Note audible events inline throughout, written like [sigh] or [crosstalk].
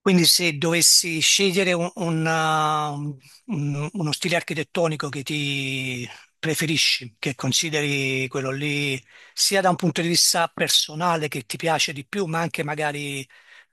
Quindi se dovessi scegliere uno stile architettonico che ti preferisci, che consideri quello lì sia da un punto di vista personale che ti piace di più, ma anche magari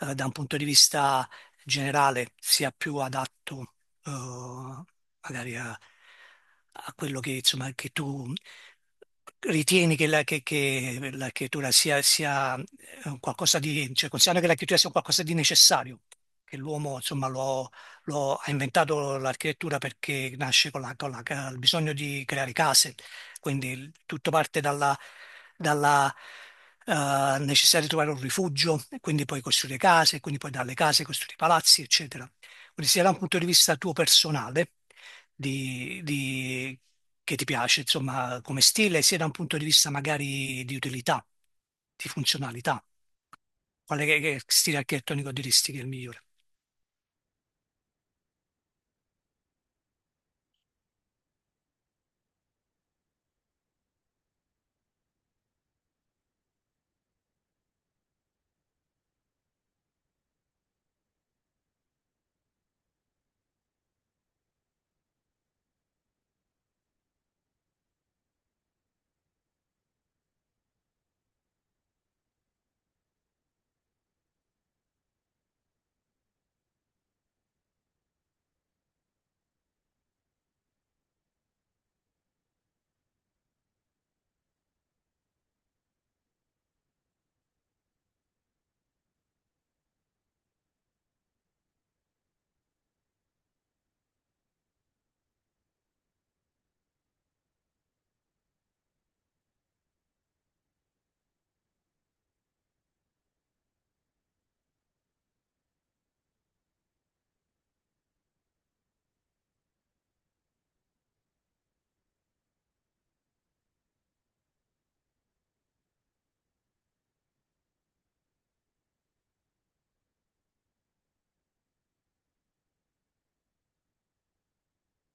da un punto di vista generale sia più adatto eh, magari a quello che, insomma, che tu ritieni che che la creatura sia un qualcosa di, cioè considerando che la creatura sia un qualcosa di necessario, che l'uomo insomma ha inventato l'architettura perché nasce con il bisogno di creare case, quindi tutto parte dalla necessità di trovare un rifugio, e quindi poi costruire case, e quindi poi dalle case costruire palazzi, eccetera. Quindi sia da un punto di vista tuo personale, di, di- che ti piace, insomma, come stile, sia da un punto di vista magari di utilità, di funzionalità. Che stile architettonico diresti che è il migliore?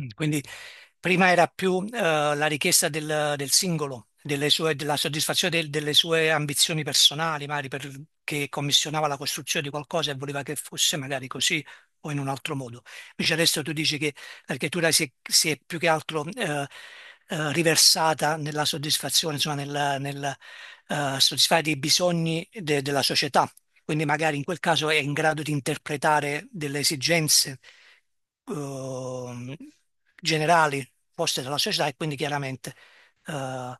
Mm, quindi prima era più la richiesta del singolo, della soddisfazione delle sue ambizioni personali, magari perché commissionava la costruzione di qualcosa e voleva che fosse magari così o in un altro modo. Invece adesso tu dici che l'architettura si è più che altro riversata nella soddisfazione, insomma, soddisfare dei bisogni della società, quindi magari in quel caso è in grado di interpretare delle esigenze ehm, generali poste dalla società, e quindi chiaramente eh,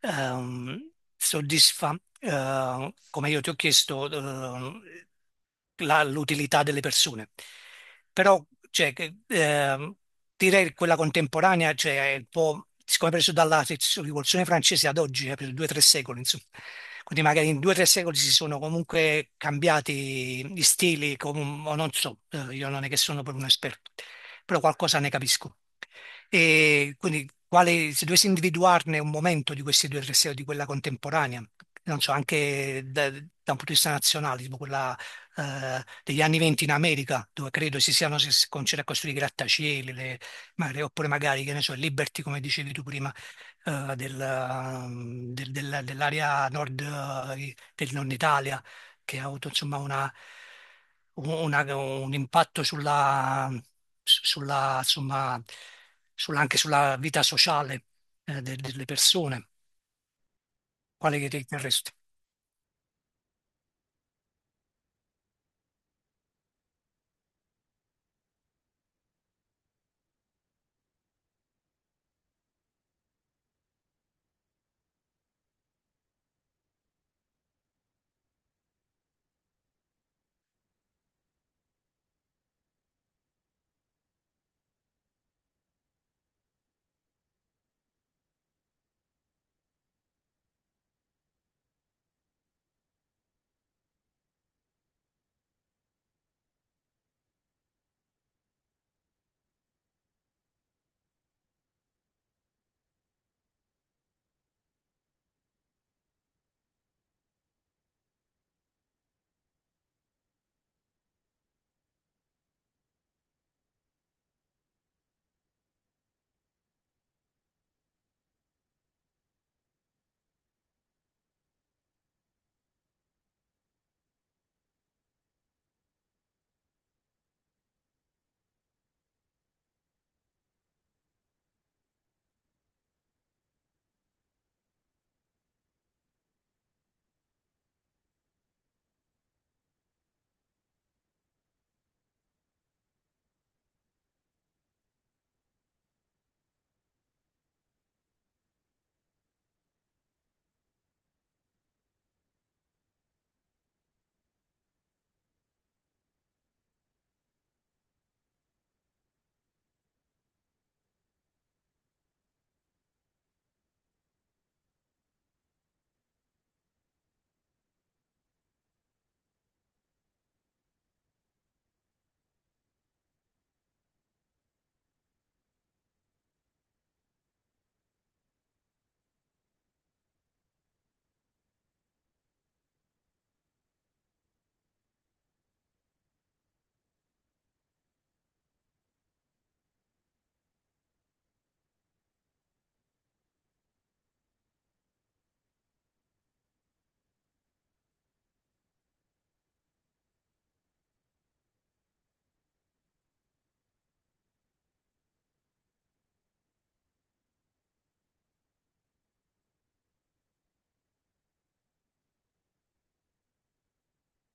ehm, soddisfa, come io ti ho chiesto, l'utilità delle persone. Però cioè, direi che quella contemporanea, cioè, è un po', siccome è preso dalla rivoluzione francese ad oggi, è preso due o tre secoli, insomma. Quindi magari in due o tre secoli si sono comunque cambiati gli stili, o non so, io non è che sono proprio un esperto, però qualcosa ne capisco. E quindi quale, se dovessi individuarne un momento di questi due tre o di quella contemporanea, non so, anche da un punto di vista nazionale, tipo quella degli anni 20 in America, dove credo si siano si si cominciati a costruire i grattacieli, oppure magari, che ne so, il Liberty, come dicevi tu prima, dell'area nord, del nord Italia che ha avuto insomma un impatto insomma, anche sulla vita sociale delle persone. Quale che riterresti?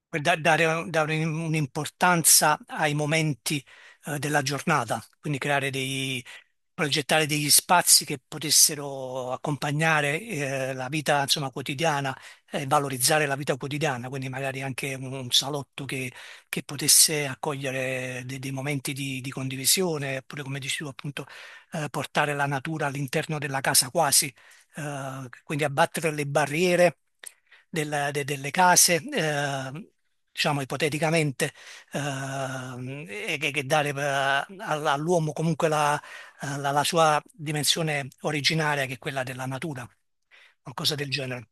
Per dare, dare un'importanza ai momenti della giornata, quindi creare progettare degli spazi che potessero accompagnare la vita, insomma, quotidiana e valorizzare la vita quotidiana, quindi magari anche un salotto che potesse accogliere momenti di condivisione, oppure come dici tu appunto portare la natura all'interno della casa quasi, quindi abbattere le barriere delle case, diciamo ipoteticamente, che dare all'uomo comunque la sua dimensione originaria, che è quella della natura, qualcosa del genere.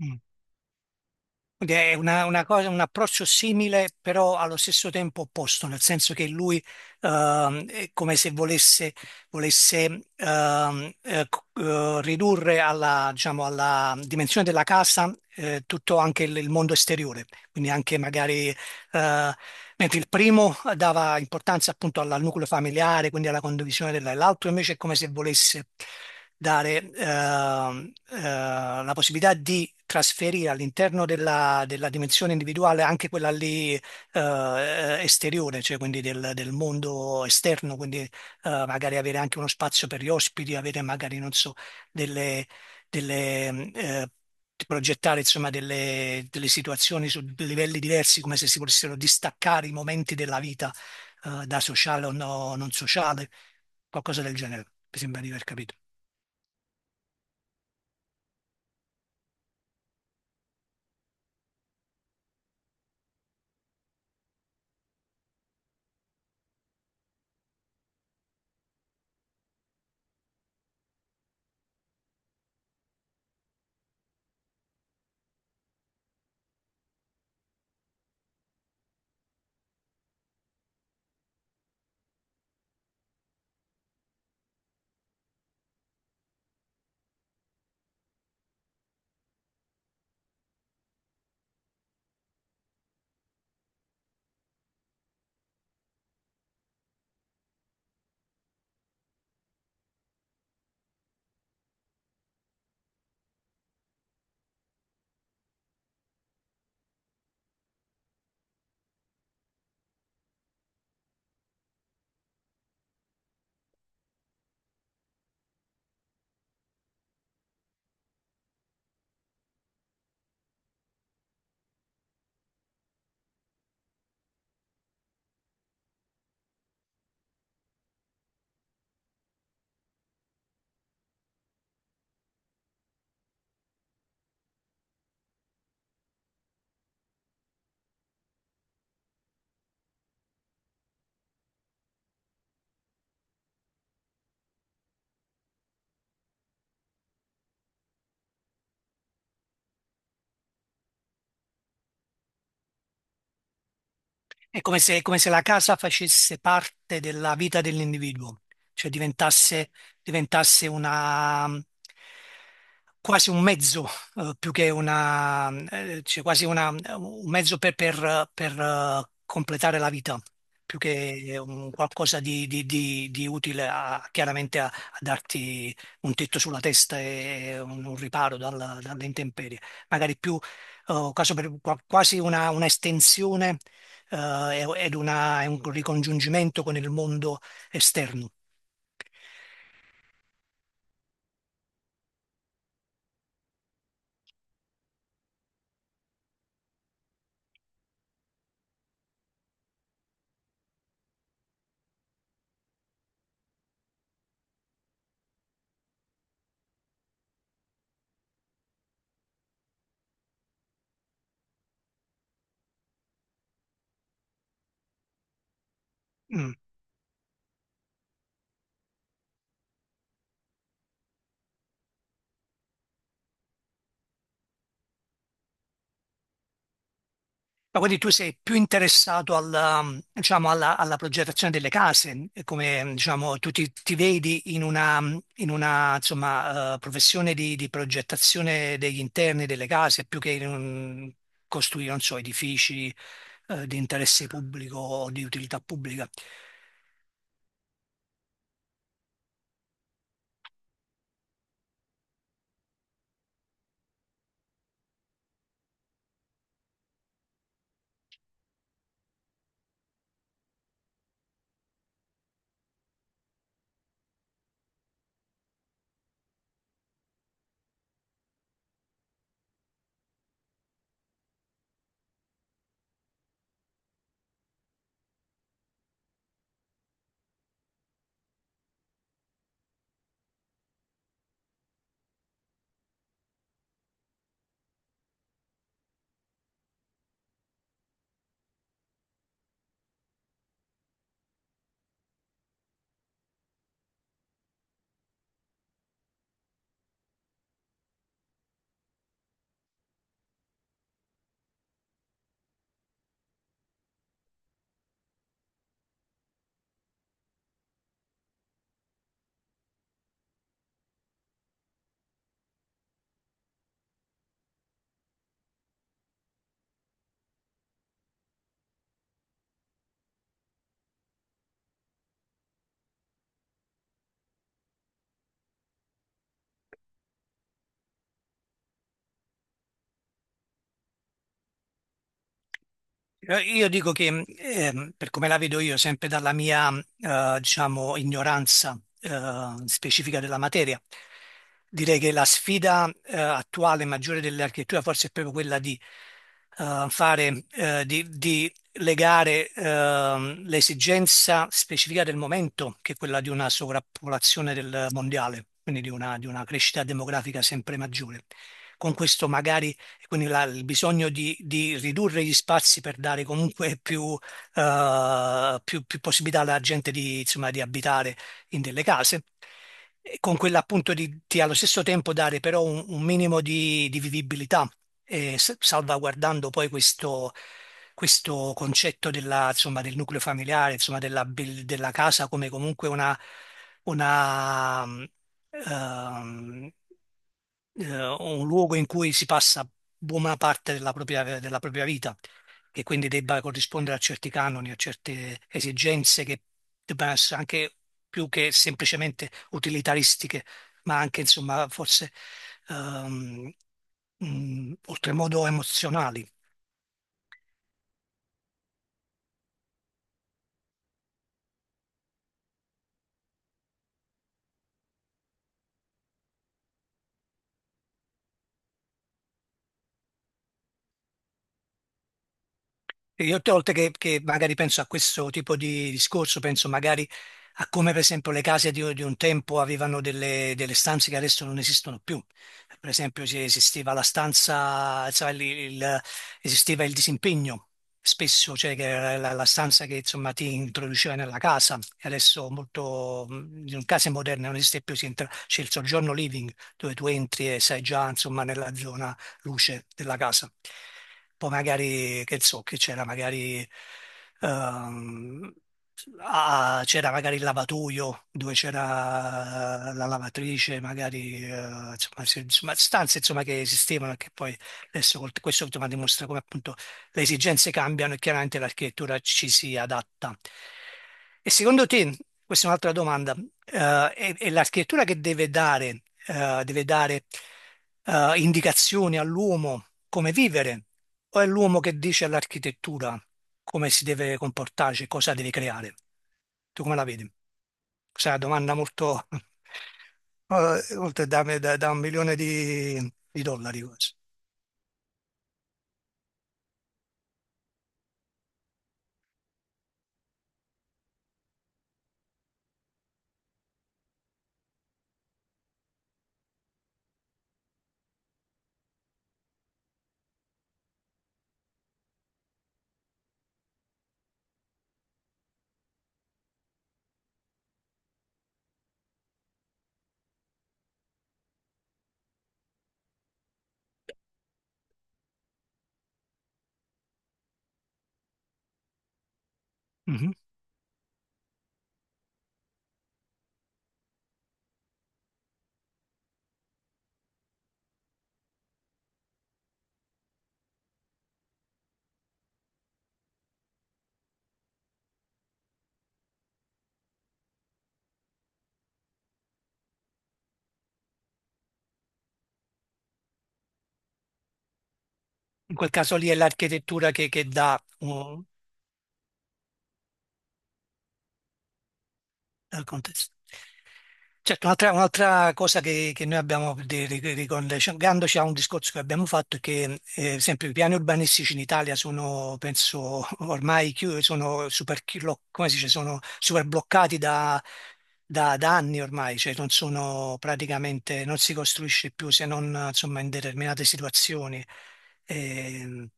Mm. Quindi è una cosa, un approccio simile, però allo stesso tempo opposto, nel senso che lui è come se volesse, ridurre alla, diciamo, alla dimensione della casa tutto anche il mondo esteriore, quindi anche magari eh, mentre il primo dava importanza appunto al nucleo familiare, quindi alla condivisione della, l'altro invece è come se volesse dare la possibilità di trasferire all'interno della dimensione individuale anche quella lì esteriore, cioè quindi del mondo esterno, quindi magari avere anche uno spazio per gli ospiti, avere magari, non so, delle delle, mm, eh, di progettare insomma delle situazioni su livelli diversi, come se si volessero distaccare i momenti della vita, eh, da sociale o non sociale, qualcosa del genere, mi sembra di aver capito. È come se la casa facesse parte della vita dell'individuo, cioè diventasse, diventasse una, quasi un mezzo, più che una, cioè un mezzo completare la vita, più che un qualcosa di utile chiaramente a darti un tetto sulla testa e un riparo dalle intemperie, magari più eh, quasi per- quasi una estensione è un ricongiungimento con il mondo esterno. Mm. Ma quindi tu sei più interessato diciamo, alla progettazione delle case, e come diciamo, ti vedi in una, insomma, professione di progettazione degli interni delle case più che in costruire, non so, edifici, di interesse pubblico o di utilità pubblica. Io dico che, per come la vedo io, sempre dalla mia, diciamo, ignoranza, specifica della materia, direi che la sfida, attuale maggiore dell'architettura forse è proprio quella di fare, di legare l'esigenza specifica del momento, che è quella di una sovrappopolazione del mondiale, quindi di una crescita demografica sempre maggiore. Con questo magari, quindi il bisogno di ridurre gli spazi per dare comunque più, più possibilità alla gente insomma, di abitare in delle case, e con quella appunto di allo stesso tempo dare però un minimo di vivibilità, salvaguardando poi questo concetto della, insomma, del nucleo familiare, insomma, della casa come comunque una, mm, ehm, un luogo in cui si passa buona parte della propria vita, che quindi debba corrispondere a certi canoni, a certe esigenze che debbano essere anche più che semplicemente utilitaristiche, ma anche insomma forse ehm, oltremodo emozionali. E io tutte le volte che magari penso a questo tipo di discorso, penso magari a come per esempio le case di un tempo avevano delle stanze che adesso non esistono più. Per esempio se esisteva la stanza, sai, il- esisteva il disimpegno spesso, cioè che era la stanza che insomma ti introduceva nella casa. E adesso molto, in case moderne non esiste più, c'è il soggiorno living dove tu entri e sei già insomma nella zona luce della casa. Poi magari, che so, che c'era magari, ehm, c'era magari il lavatoio dove c'era la lavatrice, magari, insomma, insomma, stanze insomma, che esistevano e che poi adesso questo insomma, dimostra come appunto le esigenze cambiano e chiaramente l'architettura ci si adatta. E secondo te, questa è un'altra domanda, è l'architettura che deve dare, indicazioni all'uomo come vivere, o è l'uomo che dice all'architettura come si deve comportarsi, cosa deve creare? Tu come la vedi? Questa è una domanda molto, [laughs] oltre da 1 milione di dollari. Quasi. Mhm. In quel caso lì è l'architettura che dà un, al contesto. Certo, un'altra cosa che noi abbiamo, per dire, ricollegandoci a un discorso che abbiamo fatto, è che sempre i piani urbanistici in Italia sono, penso, ormai sono super, come si dice, sono super bloccati da, da anni ormai, cioè non sono praticamente, non si costruisce più se non insomma, in determinate situazioni. Ehm,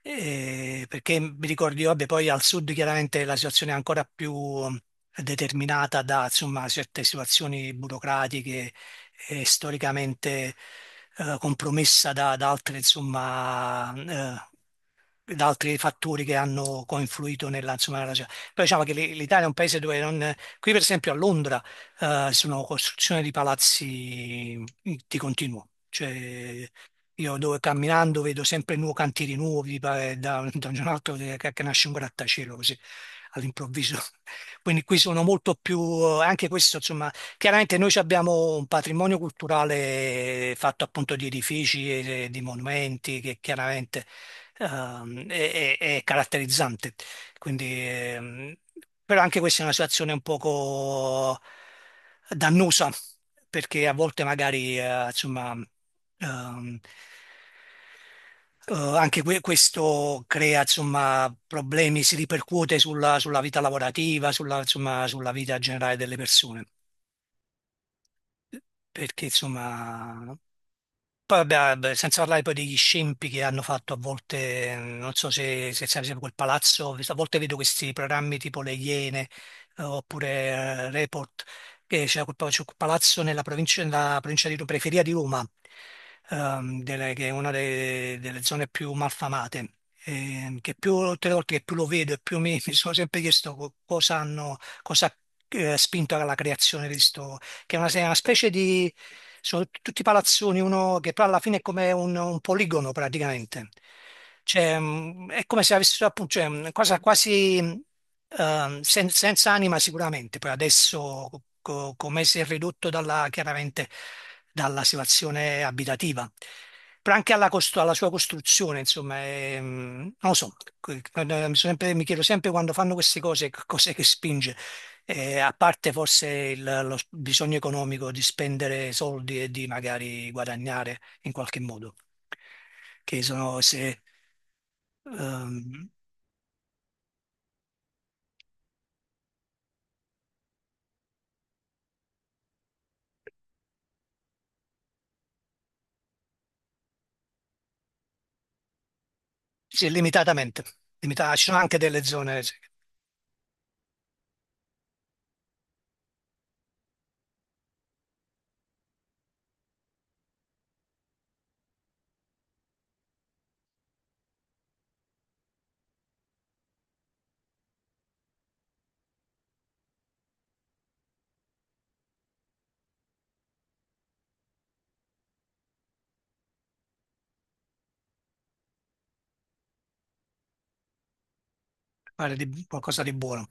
Eh, perché mi ricordo io, vabbè, poi al sud chiaramente la situazione è ancora più mm, determinata da insomma, certe situazioni burocratiche e storicamente compromessa da, da altre insomma, eh, da altri fattori che hanno coinfluito nella, insomma, nella ragione. Però diciamo che l'Italia è un paese dove non... Qui per esempio a Londra sono costruzioni di palazzi mm, di continuo, cioè io dove camminando vedo sempre nuovi cantieri nuovi, [laughs] da un giorno all'altro che nasce un grattacielo così all'improvviso. [laughs] Quindi qui sono molto più, anche questo insomma, chiaramente noi ci abbiamo un patrimonio culturale fatto appunto di edifici e di monumenti che chiaramente è caratterizzante. Quindi, però anche questa è una situazione un poco dannosa, perché a volte magari, insomma, ehm, questo crea, insomma, problemi, si ripercuote sulla, sulla vita lavorativa, sulla, insomma, sulla vita generale delle persone. Perché, insomma, poi vabbè, ah, beh, senza parlare poi degli scempi che hanno fatto a volte, non so se sai, per esempio, quel palazzo, a volte vedo questi programmi tipo Le Iene oppure Report, che c'è c'è quel palazzo nella provincia di Roma, periferia di Roma, che è una delle zone più malfamate, che più tutte le volte che più lo vedo e più mi, [laughs] mi sono sempre chiesto cosa hanno, cosa ha spinto alla creazione, che è una specie di... sono tutti palazzoni, uno che poi alla fine è come un poligono praticamente. Cioè, è come se avessero appunto, cioè, una cosa quasi senza anima sicuramente, poi adesso come si è ridotto dalla, chiaramente dalla situazione abitativa. Però anche alla, alla sua costruzione, insomma, è, non lo so, mi chiedo sempre quando fanno queste cose che cos'è che spinge. E a parte forse bisogno economico di spendere soldi e di magari guadagnare in qualche modo, che sono se, ehm, se limitatamente, ci sono anche delle zone, sì, magari qualcosa di buono.